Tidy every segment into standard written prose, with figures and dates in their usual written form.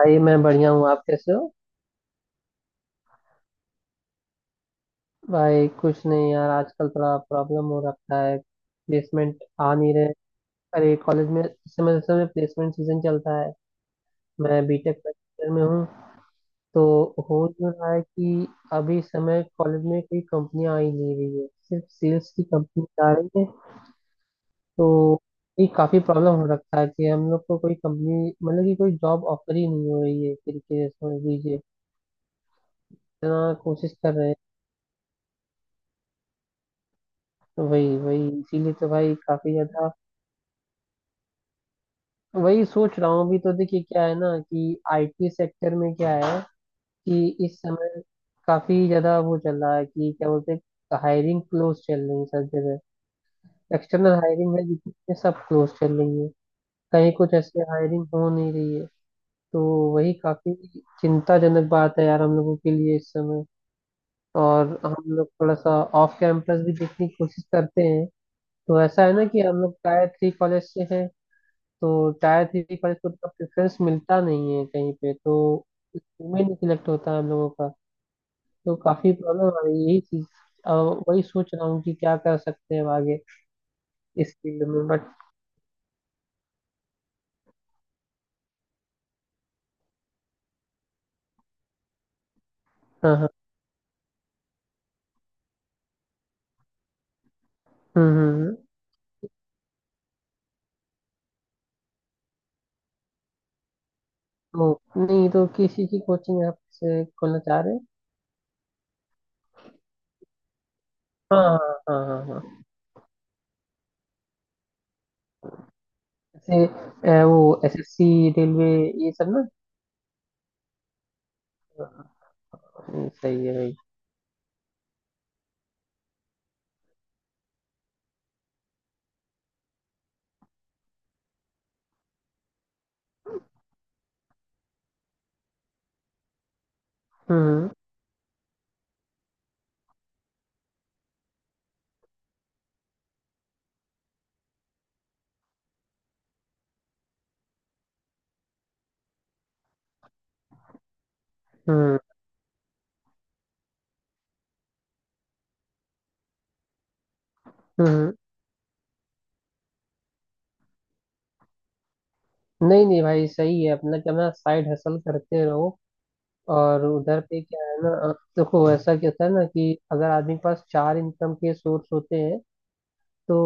भाई, मैं बढ़िया हूँ। आप कैसे हो? भाई कुछ नहीं यार, आजकल थोड़ा प्रॉब्लम हो रखा है। प्लेसमेंट आ नहीं रहे। अरे कॉलेज में इस समय समय प्लेसमेंट सीजन चलता है। मैं बीटेक फर्स्ट ईयर में हूँ। तो हो जो रहा है कि अभी इस समय कॉलेज में कोई कंपनियां आ ही नहीं रही है, सिर्फ सेल्स की कंपनी आ रही है। तो ये काफी प्रॉब्लम हो रखा है कि हम लोग को कोई कंपनी, मतलब कि कोई जॉब ऑफर ही नहीं हो रही है, एक तरीके से समझ लीजिए। इतना कोशिश कर रहे हैं। तो वही वही इसीलिए तो भाई काफी ज्यादा। वही सोच रहा हूँ। अभी तो देखिए क्या है ना कि आईटी सेक्टर में क्या है कि इस समय काफी ज्यादा वो चल रहा है कि क्या बोलते हैं, हायरिंग क्लोज चल रही है सब जगह। एक्सटर्नल हायरिंग है जितनी है, सब क्लोज चल रही है। कहीं कुछ ऐसे हायरिंग हो नहीं रही है। तो वही काफी चिंताजनक बात है यार हम लोगों के लिए इस समय। और हम लोग थोड़ा सा ऑफ कैंपस भी देखने की कोशिश करते हैं। तो ऐसा है ना कि हम लोग टायर थ्री कॉलेज से हैं, तो टायर थ्री पर इसको उतना प्रेफरेंस मिलता नहीं है कहीं पे। तो इसमें नहीं सिलेक्ट होता है हम लोगों का। तो काफी प्रॉब्लम आ रही है यही चीज। अब वही सोच रहा हूँ कि क्या कर सकते हैं अब आगे इस फील्ड में, बट। हाँ, हाँ। हम्म, हम्म, हम्म। तो नहीं तो किसी की कोचिंग आप से खोलना चाह रहे हैं? हाँ, हाँ, हाँ, हाँ, हाँ। जैसे वो एसएससी रेलवे, ये सब ना। हाँ, सही है भाई। हम्म, हम्म, हम्म, हम्म। नहीं नहीं भाई सही है, अपना क्या ना, साइड हसल करते रहो। और उधर पे क्या है ना, देखो ऐसा क्या होता है ना कि अगर आदमी के पास चार इनकम के सोर्स होते हैं तो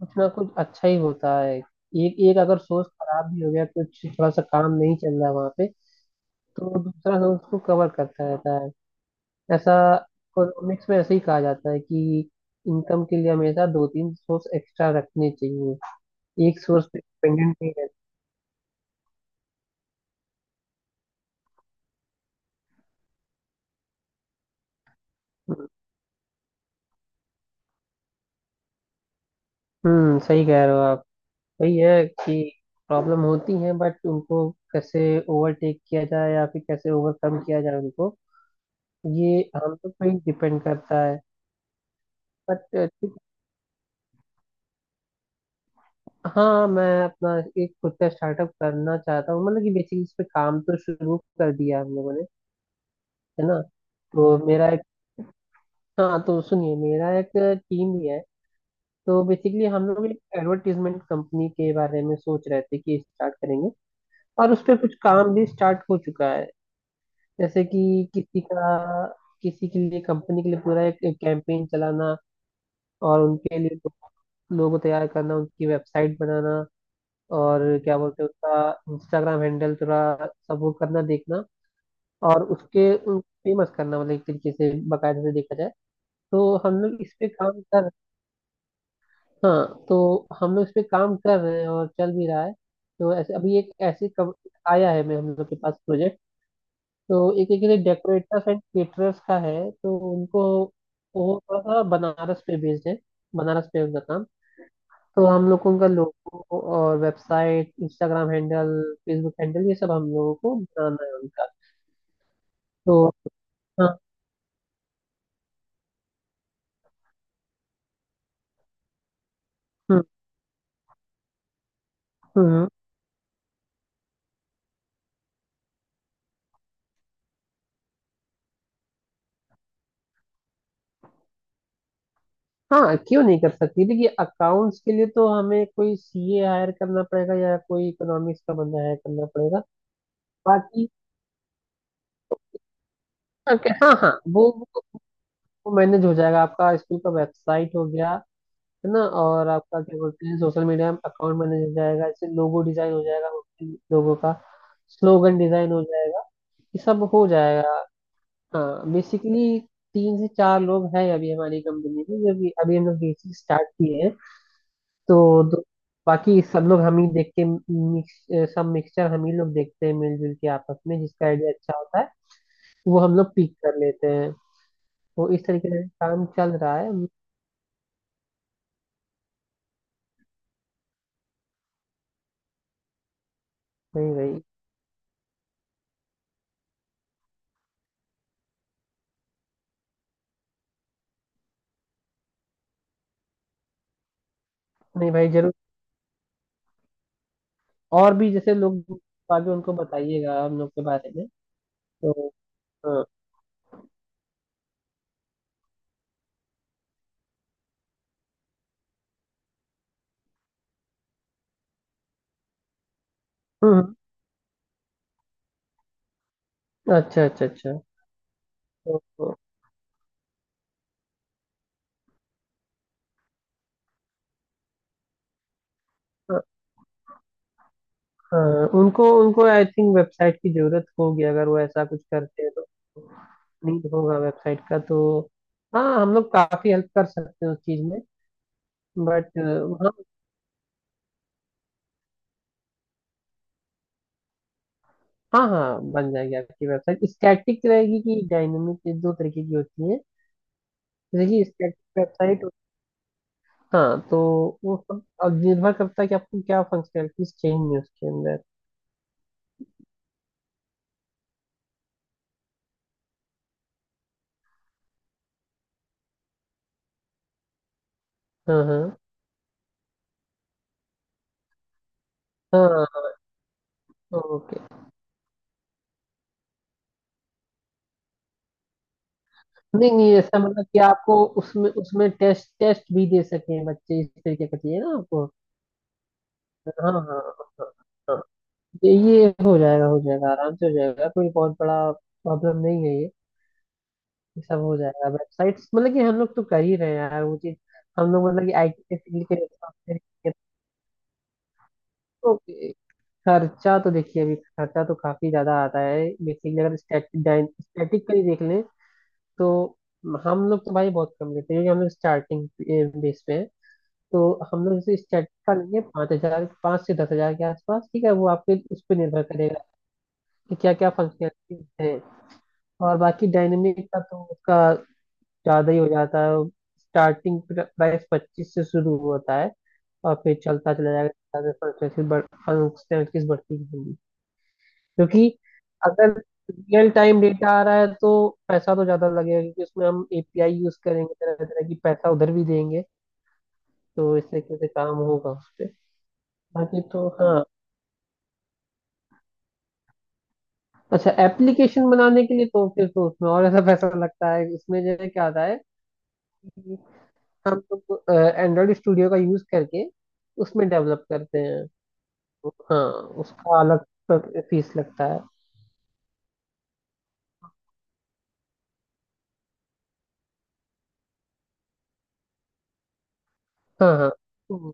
कुछ ना कुछ अच्छा ही होता है। एक एक अगर सोर्स खराब भी हो गया, कुछ थोड़ा सा काम नहीं चल रहा वहाँ पे, तो दूसरा सोर्स उसको कवर करता रहता है। ऐसा इकोनॉमिक्स में ऐसे ही कहा जाता है कि इनकम के लिए हमेशा दो तीन सोर्स एक्स्ट्रा रखने चाहिए, एक सोर्स पे डिपेंडेंट नहीं रहना। हम्म, सही कह रहे हो आप। वही है कि प्रॉब्लम होती है, बट उनको कैसे ओवरटेक किया जाए या फिर कैसे ओवरकम किया जाए उनको, ये हम लोग पे ही डिपेंड करता है। बट ठीक। हाँ मैं अपना एक खुद का स्टार्टअप करना चाहता हूँ, मतलब कि बेसिकली इस पे काम तो शुरू कर दिया हम लोगों ने, है ना। तो मेरा एक, हाँ तो सुनिए मेरा एक टीम भी है। तो बेसिकली हम लोग एक एडवर्टीजमेंट कंपनी के बारे में सोच रहे थे कि स्टार्ट करेंगे। और उस पे कुछ काम भी स्टार्ट हो चुका है। जैसे कि किसी का, किसी के लिए कंपनी के लिए पूरा एक कैंपेन चलाना, और उनके लिए लोगो तैयार करना, उनकी वेबसाइट बनाना, और क्या बोलते हैं उसका इंस्टाग्राम हैंडल थोड़ा, सब वो करना देखना, और उसके उन फेमस करना, मतलब एक तरीके से बाकायदे से देखा जाए। तो हम लोग इस पे काम कर। हाँ तो हम लोग इस पे काम कर रहे हैं और चल भी रहा है। तो ऐसे अभी एक ऐसे आया है मैं हम लोग के पास प्रोजेक्ट। तो एक एक डेकोरेटर्स एंड केटरर्स का है। तो उनको, वो थोड़ा सा बनारस पे बेस्ड है, बनारस पे उनका काम। तो हम लोग को उनका लोगो और website, Instagram handle, Facebook handle, ये सब हम लोगों को बनाना है उनका। तो हाँ। हम्म, हम्म। हाँ क्यों नहीं कर सकती, देखिए अकाउंट्स के लिए तो हमें कोई सीए हायर करना पड़ेगा या कोई इकोनॉमिक्स का बंदा हायर करना पड़ेगा। बाकी okay, हाँ हाँ, वो मैनेज हो जाएगा, आपका स्कूल का वेबसाइट हो गया, है ना, और आपका क्या बोलते हैं सोशल मीडिया अकाउंट मैनेज हो जाएगा, इससे लोगो डिजाइन हो जाएगा, लोगों का स्लोगन डिजाइन हो जाएगा, ये सब हो जाएगा। हाँ बेसिकली तीन से चार लोग हैं अभी हमारी कंपनी में, जो कि अभी हम लोग बेसिक स्टार्ट किए हैं। तो, बाकी सब लोग हम ही देख के, मिक्स सब मिक्सचर हम ही लोग देखते हैं मिलजुल के आपस में, जिसका आइडिया अच्छा होता है वो हम लोग पिक कर लेते हैं। तो इस तरीके से काम चल रहा है। नहीं भाई, नहीं भाई जरूर, और भी जैसे लोग आगे उनको बताइएगा हम लोग के बारे में। तो हाँ। हम्म, अच्छा, अच्छा, अच्छा। तो हाँ, हाँ, उनको उनको आई थिंक वेबसाइट की जरूरत होगी अगर वो ऐसा कुछ करते हैं तो। नीड होगा वेबसाइट का, तो हाँ हम लोग काफी हेल्प कर सकते हैं उस चीज में। बट हाँ, हाँ हाँ बन जाएगी आपकी वेबसाइट, स्टैटिक रहेगी कि डायनामिक, दो तरीके की होती है। देखिए स्टैटिक वेबसाइट, हाँ तो वो सब अब निर्भर करता है कि आपको क्या फंक्शनैलिटीज चाहिए उसके अंदर। हाँ, हाँ, हाँ। ओके। नहीं नहीं ऐसा, मतलब कि आपको उसमें उसमें टेस्ट टेस्ट भी दे सके बच्चे, इस तरीके का चाहिए ना आपको। हाँ, हाँ, हाँ, हाँ। ये हो जाएगा, हो जाएगा आराम से हो जाएगा, कोई बहुत बड़ा प्रॉब्लम नहीं है ये। ये सब हो जाएगा, वेबसाइट्स मतलब कि हम लोग तो कर ही रहे हैं यार वो चीज। हम लोग मतलब कि आईटी के फील्ड के responsibility। तो खर्चा तो देखिए, अभी खर्चा तो काफी ज्यादा आता है, बेसिकली अगर स्टैटिक, स्टैटिक का ही देख लें, तो हम लोग तो भाई बहुत कम लेते हैं क्योंकि हम लोग स्टार्टिंग बेस पे हैं। तो हम लोग जैसे स्टार्ट का लेंगे 5 हजार, 5 से 10 हजार के आसपास, ठीक है, वो आपके उस पर निर्भर करेगा कि क्या क्या फंक्शनलिटीज हैं। और बाकी डायनेमिक का तो उसका ज्यादा ही हो जाता है, स्टार्टिंग प्राइस 25 से शुरू होता है और फिर चलता चला जाएगा, फंक्शनलिटीज बढ़ती रहेंगी क्योंकि अगर रियल टाइम डेटा आ रहा है तो पैसा तो ज्यादा लगेगा, क्योंकि उसमें हम एपीआई यूज करेंगे तरह तरह की, पैसा उधर भी देंगे। तो इस तरीके से काम होगा उस पे। बाकी तो हाँ। अच्छा एप्लीकेशन बनाने के लिए तो फिर तो उसमें और ऐसा पैसा लगता है, इसमें जो है क्या आता है कि हम लोग एंड्रॉइड स्टूडियो का यूज करके उसमें डेवलप करते हैं। तो हाँ, उसका अलग फीस लगता है। हाँ, हाँ। हम्म।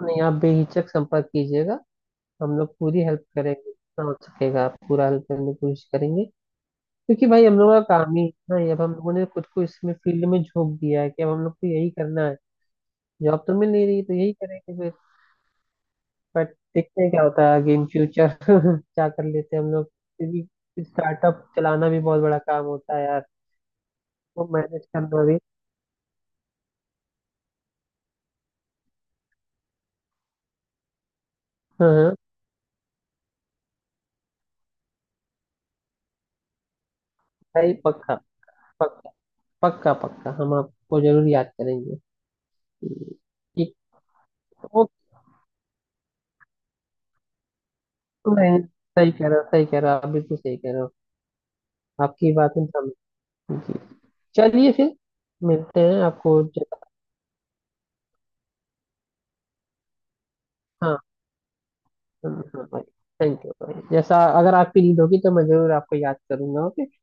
नहीं आप बेहिचक संपर्क कीजिएगा, हम लोग पूरी हेल्प करेंगे जितना हो सकेगा, आप पूरा हेल्प करने की कोशिश करेंगे क्योंकि भाई हम लोगों का काम ही इतना ही है। ना, अब हम लोगों ने खुद को इसमें फील्ड में झोंक दिया है कि अब हम लोग को यही करना है, जॉब तो मिल नहीं रही तो यही करेंगे फिर। बट देखते हैं क्या होता है आगे इन फ्यूचर क्या कर लेते हैं हम लोग, क्योंकि स्टार्टअप चलाना भी बहुत बड़ा काम होता है यार, वो मैनेज करना भी। हाँ, हाँ भाई, पक्का पक्का पक्का पक्का हम आपको जरूर याद करेंगे। ठीक। ओके। सही कह रहे हो, सही कह रहे हो आप, बिल्कुल सही कह रहे हो। आपकी बात हम समझ। जी। चलिए फिर मिलते हैं आपको, जैसा, हाँ, हाँ, हाँ भाई, थैंक यू भाई, जैसा अगर आप फ्री होगी तो मैं जरूर आपको याद करूंगा। ओके।